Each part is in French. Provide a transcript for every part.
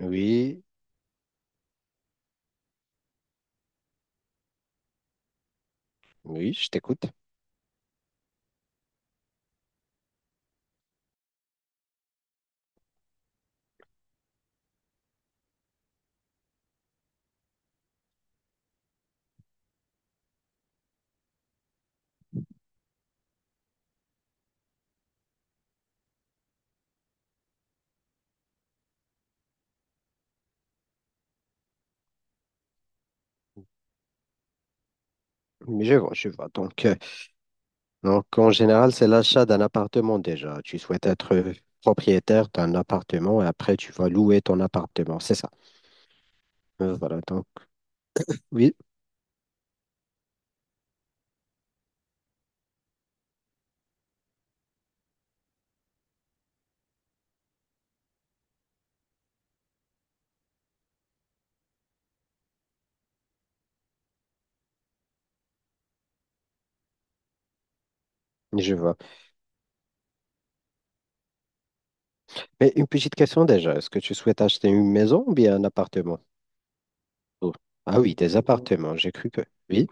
Oui, oui, je t'écoute. Mais je vois, je vois. Donc, en général, c'est l'achat d'un appartement déjà. Tu souhaites être propriétaire d'un appartement et après, tu vas louer ton appartement. C'est ça. Voilà. Donc, oui, je vois. Mais une petite question déjà. Est-ce que tu souhaites acheter une maison ou bien un appartement? Oh. Ah oui, des appartements. J'ai cru que. Oui.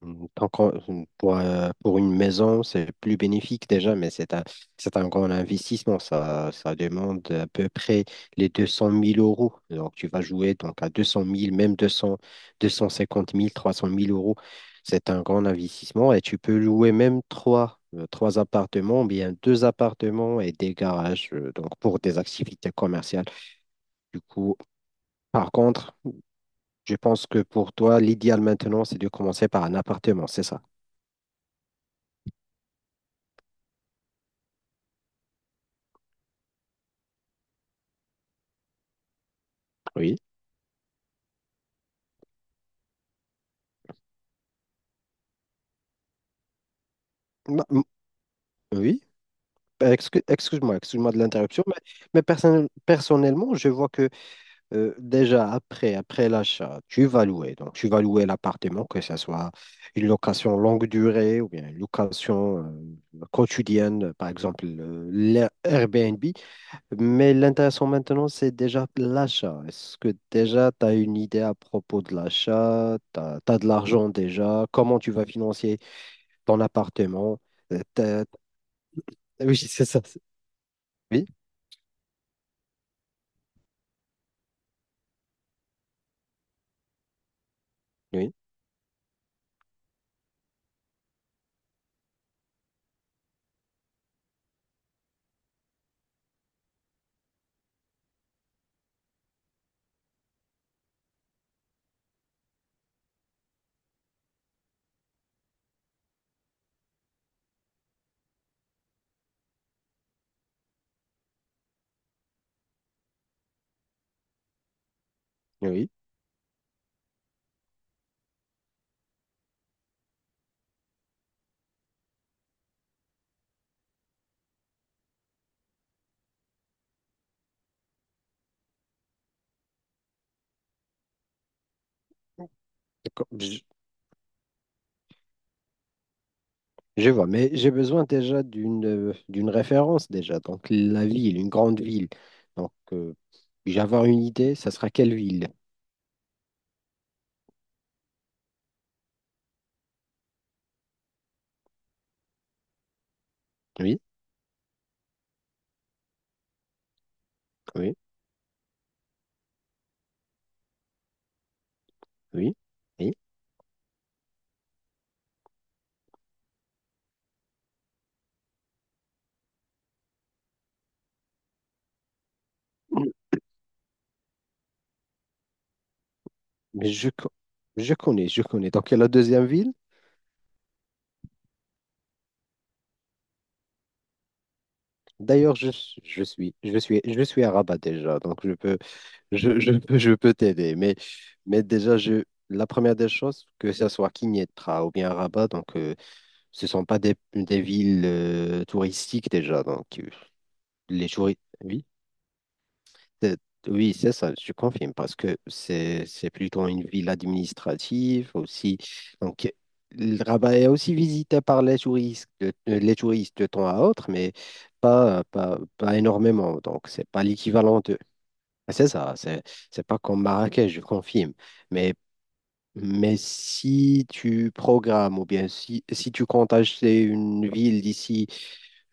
Pour une maison, c'est plus bénéfique déjà, mais c'est un grand investissement. Ça demande à peu près les deux cent mille euros. Donc, tu vas jouer donc à deux cent mille même deux cents, deux cent cinquante mille trois cent mille euros. C'est un grand investissement et tu peux louer même trois, trois appartements, bien deux appartements et des garages, donc pour des activités commerciales. Du coup, par contre, je pense que pour toi, l'idéal maintenant, c'est de commencer par un appartement, c'est ça? Oui. Ma- m- oui. Excuse-moi de l'interruption, mais, personnellement, je vois que déjà après l'achat, tu vas louer. Donc, tu vas louer l'appartement, que ce soit une location longue durée ou bien une location quotidienne, par exemple Airbnb. Mais l'intéressant maintenant, c'est déjà l'achat. Est-ce que déjà tu as une idée à propos de l'achat? Tu as de l'argent déjà? Comment tu vas financer ton appartement? Euh, t'as- Oui, c'est ça. Oui, oui, oui. Co- Je, Je vois, mais j'ai besoin déjà d'une référence déjà. Donc la ville, une grande ville. Donc je vais avoir une idée, ça sera quelle ville? Oui, oui, oui, oui. Mais je connais, je connais. Donc la deuxième ville. D'ailleurs, je suis à Rabat déjà, donc je peux t'aider. Mais déjà je la première des choses, que ce soit Kinetra ou bien Rabat, donc ce sont pas des villes touristiques déjà, donc. Les jours, oui, c'est- oui, c'est ça, je confirme, parce que c'est plutôt une ville administrative aussi. Donc, le Rabat est aussi visité par les touristes, les touristes de temps à autre, mais pas, pas, pas énormément. Donc, c'est pas l'équivalent de. Ah, c'est ça, c'est pas comme Marrakech, je confirme. Mais, si tu programmes ou bien si, tu comptes acheter une ville d'ici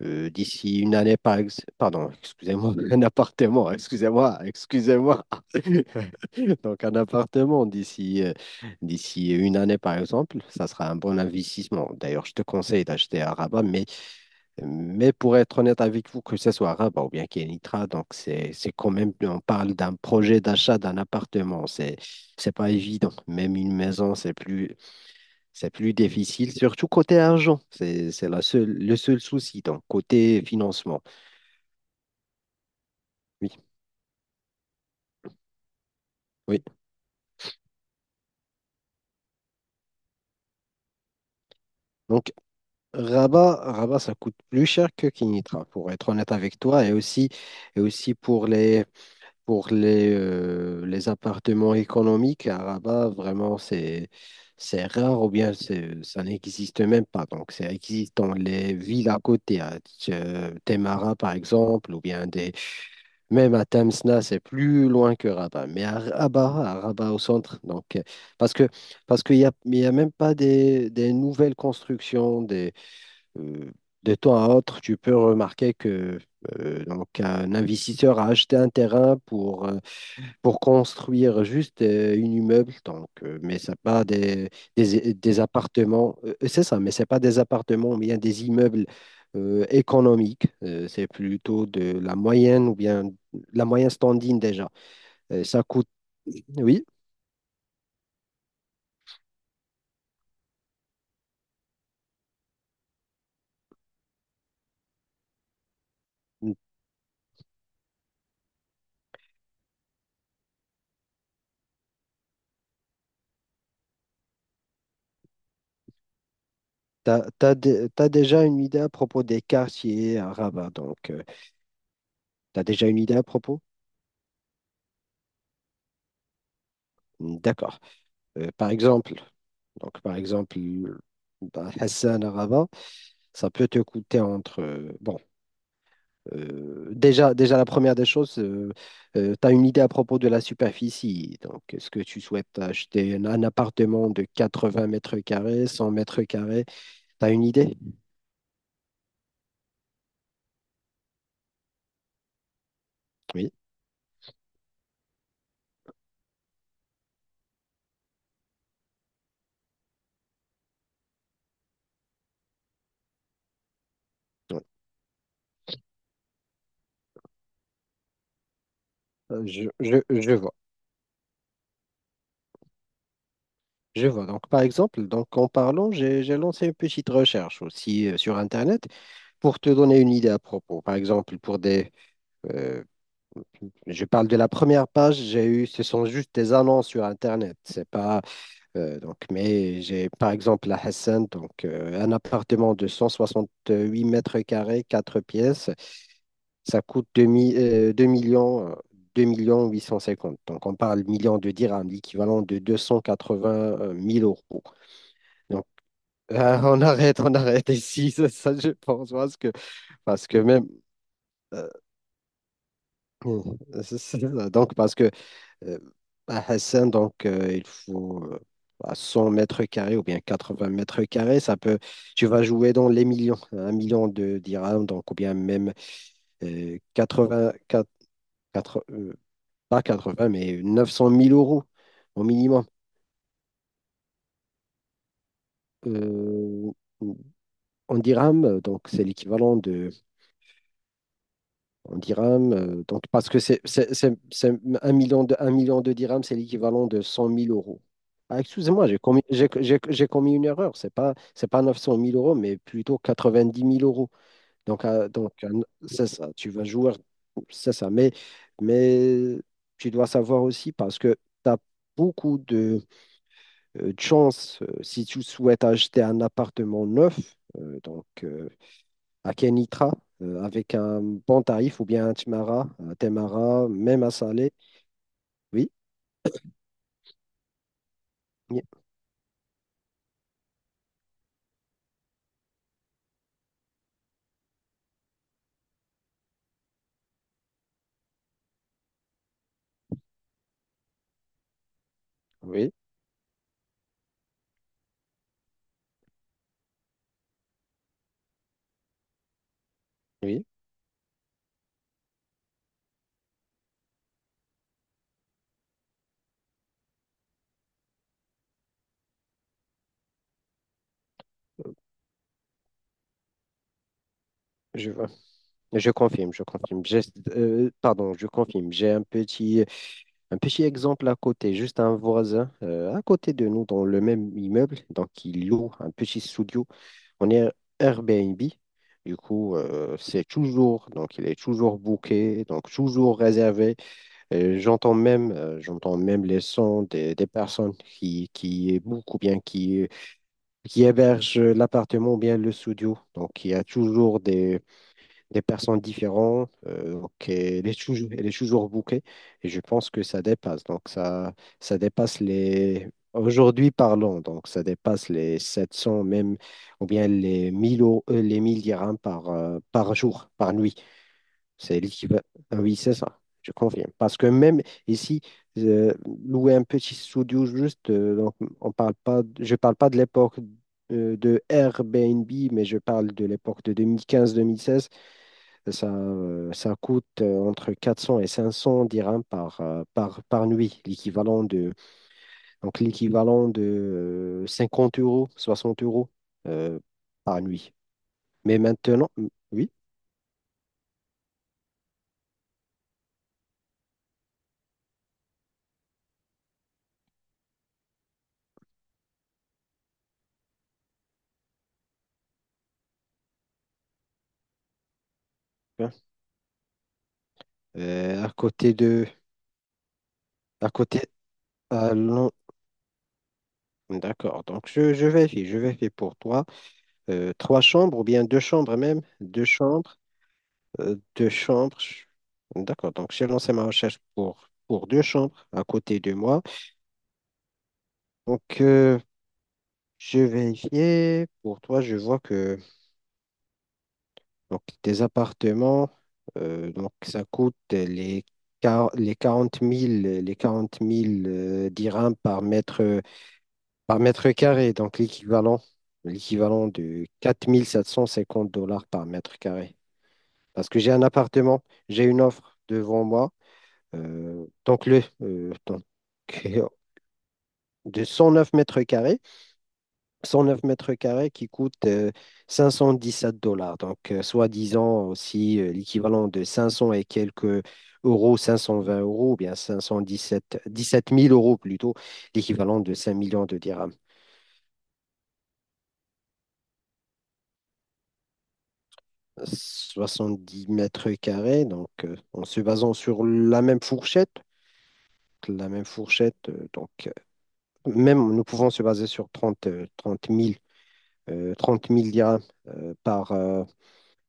euh, d'ici une année, pardon, excusez-moi, un appartement, excusez-moi, excusez-moi. Donc, un appartement d'ici une année, par exemple, ça sera un bon investissement. D'ailleurs, je te conseille d'acheter à Rabat, mais, pour être honnête avec vous, que ce soit à Rabat ou bien Kenitra, donc c'est quand même, on parle d'un projet d'achat d'un appartement, c'est pas évident. Même une maison, c'est plus difficile, surtout côté argent. C'est la seule, le seul souci, donc côté financement. Oui, oui. Donc, Rabat, ça coûte plus cher que Kinitra, pour être honnête avec toi, et aussi, pour les, les appartements économiques. À Rabat, vraiment, c'est rare ou bien ça n'existe même pas. Donc, ça existe dans les villes à côté, à Témara, par exemple, ou bien même à Tamsna, c'est plus loin que Rabat. Mais à Rabat, au centre, donc, parce que, parce qu'il n'y a, il y a même pas des, nouvelles constructions. Des, euh, de temps à autre, tu peux remarquer que donc, un investisseur a acheté un terrain pour construire juste une immeuble, donc, mais c'est pas des appartements, c'est ça, mais c'est pas des appartements, mais bien des immeubles économiques. C'est plutôt de la moyenne ou bien la moyenne standing déjà. Euh, ça coûte, oui, t'as déjà une idée à propos des quartiers à Rabat, donc. Tu as déjà une idée à propos? D'accord. Euh, par exemple, par exemple, bah, Hassan Arava, ça peut te coûter entre. Bon, déjà, la première des choses, tu as une idée à propos de la superficie. Donc, est-ce que tu souhaites acheter un appartement de 80 mètres carrés, 100 mètres carrés? Tu as une idée? Oui. Oui. Je vois. Je vois. Donc, par exemple, donc, en parlant, j'ai lancé une petite recherche aussi sur Internet pour te donner une idée à propos, par exemple, pour euh, je parle de la première page, j'ai eu, ce sont juste des annonces sur Internet. C'est pas, donc, mais j'ai par exemple à Hassan, donc un appartement de 168 mètres carrés, 4 pièces, ça coûte 2 millions. 2 millions 850. Donc, on parle millions de dirhams, l'équivalent de deux cent quatre-vingt mille euros. Donc, on arrête, ici, ça, je pense, parce que, même, euh, Mm. C'est ça. Donc, parce que euh, à Hassan, donc, il faut bah, 100 mètres carrés ou bien 80 mètres carrés, tu vas jouer dans les millions, un million de dirhams, donc, ou bien même 80, quatre- euh, pas 80, mais 900 000 euros au minimum. Euh, en dirhams, donc, c'est l'équivalent de. En dirhams. Donc, parce que c'est un million de dirhams, c'est l'équivalent de cent mille euros. Ah, excusez-moi, j'ai commis une erreur. C'est pas neuf cent mille euros, mais plutôt quatre-vingt-dix mille euros. Donc, euh, donc un- c'est ça. Tu vas jouer, c'est ça. Mais, mais tu dois savoir aussi parce que tu as beaucoup de chances si tu souhaites acheter un appartement neuf. Donc, à Kenitra avec un bon tarif ou bien à Timara, à Temara, même à Salé. Oui, oui, oui, oui, je vois. Je confirme, je confirme. Pardon, je confirme. J'ai un petit exemple à côté, juste un voisin à côté de nous dans le même immeuble. Donc, il loue un petit studio. On est Airbnb. Du coup, c'est toujours, donc il est toujours booké, donc toujours réservé. J'entends même les sons des personnes qui bookent ou bien qui hébergent l'appartement ou bien le studio. Donc, il y a toujours des personnes différentes. Donc, elle est toujours bookée. Et je pense que ça dépasse. Donc, ça dépasse les. Aujourd'hui, parlons. Donc, ça dépasse les 700 même ou bien les 1000 dirhams par, par jour, par nuit. C'est l'équivalent. Ah oui, c'est ça. Je confirme. Parce que même ici, euh, louer un petit studio juste, donc on parle pas, de- je parle pas de l'époque de Airbnb, mais je parle de l'époque de 2015-2016. Ça, ça coûte entre 400 et 500 dirhams par, par, par nuit, l'équivalent de, donc l'équivalent de 50 euros, 60 euros euh, par nuit. Mais maintenant, oui, bien. À côté de, à côté, à l'en- D'accord. Donc, je vérifie pour toi. Trois chambres ou bien deux chambres même. Deux chambres. Deux chambres. D'accord. Donc, j'ai lancé ma recherche pour deux chambres à côté de moi. Donc, je vérifiais. Pour toi, je vois que donc, tes appartements, donc, ça coûte les quarante mille dirhams par mètre carré. Donc, l'équivalent de quatre mille sept cent cinquante dollars par mètre carré. Parce que j'ai un appartement, j'ai une offre devant moi. Donc, donc, de 109 mètres carrés, qui coûte sept dollars. Donc, soi-disant aussi l'équivalent de 500 et quelques euros, 520 euros, ou bien dix sept mille euros plutôt, l'équivalent de 5 millions de dirhams. 70 mètres carrés, donc en se basant sur la même fourchette, donc même nous pouvons se baser sur 30 30 000 dirhams euh, par, euh,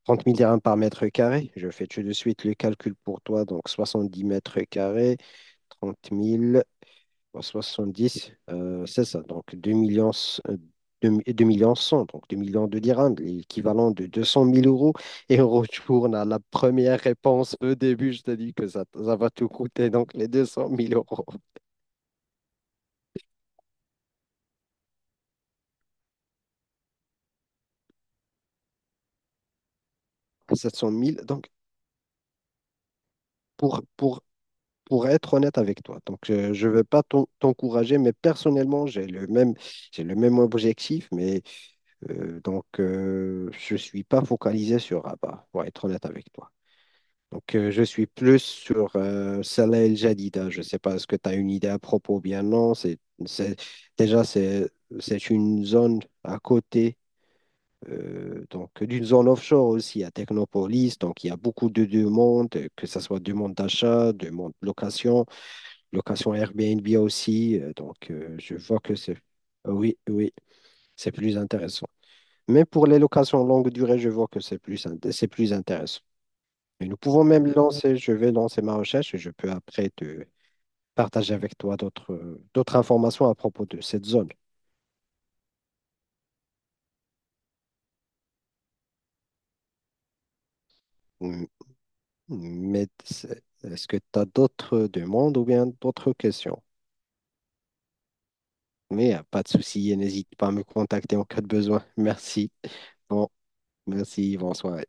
30 000 dirhams par mètre carré. Je fais tout de suite le calcul pour toi. Donc 70 mètres carrés, 30 000 fois 70, c'est ça. Donc 2 millions, euh, 2, 2 millions 100, donc 2 millions de dirhams, l'équivalent de 200 000 euros. Et on retourne à la première réponse au début. Je t'ai dit que ça va tout coûter, donc les 200 000 euros, 700 000. Donc pour, pour pour être honnête avec toi. Donc, je ne veux pas t'encourager, mais personnellement, j'ai le même objectif, mais donc, je ne suis pas focalisé sur Rabat, pour être honnête avec toi. Donc, je suis plus sur Salah El Jadida. Je ne sais pas, est-ce que tu as une idée à propos ou bien non. C'est- déjà, c'est une zone à côté. Donc, d'une zone offshore aussi à Technopolis. Donc, il y a beaucoup de demandes, que ce soit demande d'achat, demande de location. Location Airbnb aussi. Donc, je vois que c'est. Oui, oui, c'est plus intéressant. Même pour les locations longue durée, je vois que c'est plus intéressant. Et nous pouvons même lancer, je vais lancer ma recherche et je peux après te partager avec toi d'autres d'autres informations à propos de cette zone. M- Mais est-ce que tu as d'autres demandes ou bien d'autres questions? Mais pas de souci, et n'hésite pas à me contacter en cas de besoin. Merci. Bon, merci, bonsoir.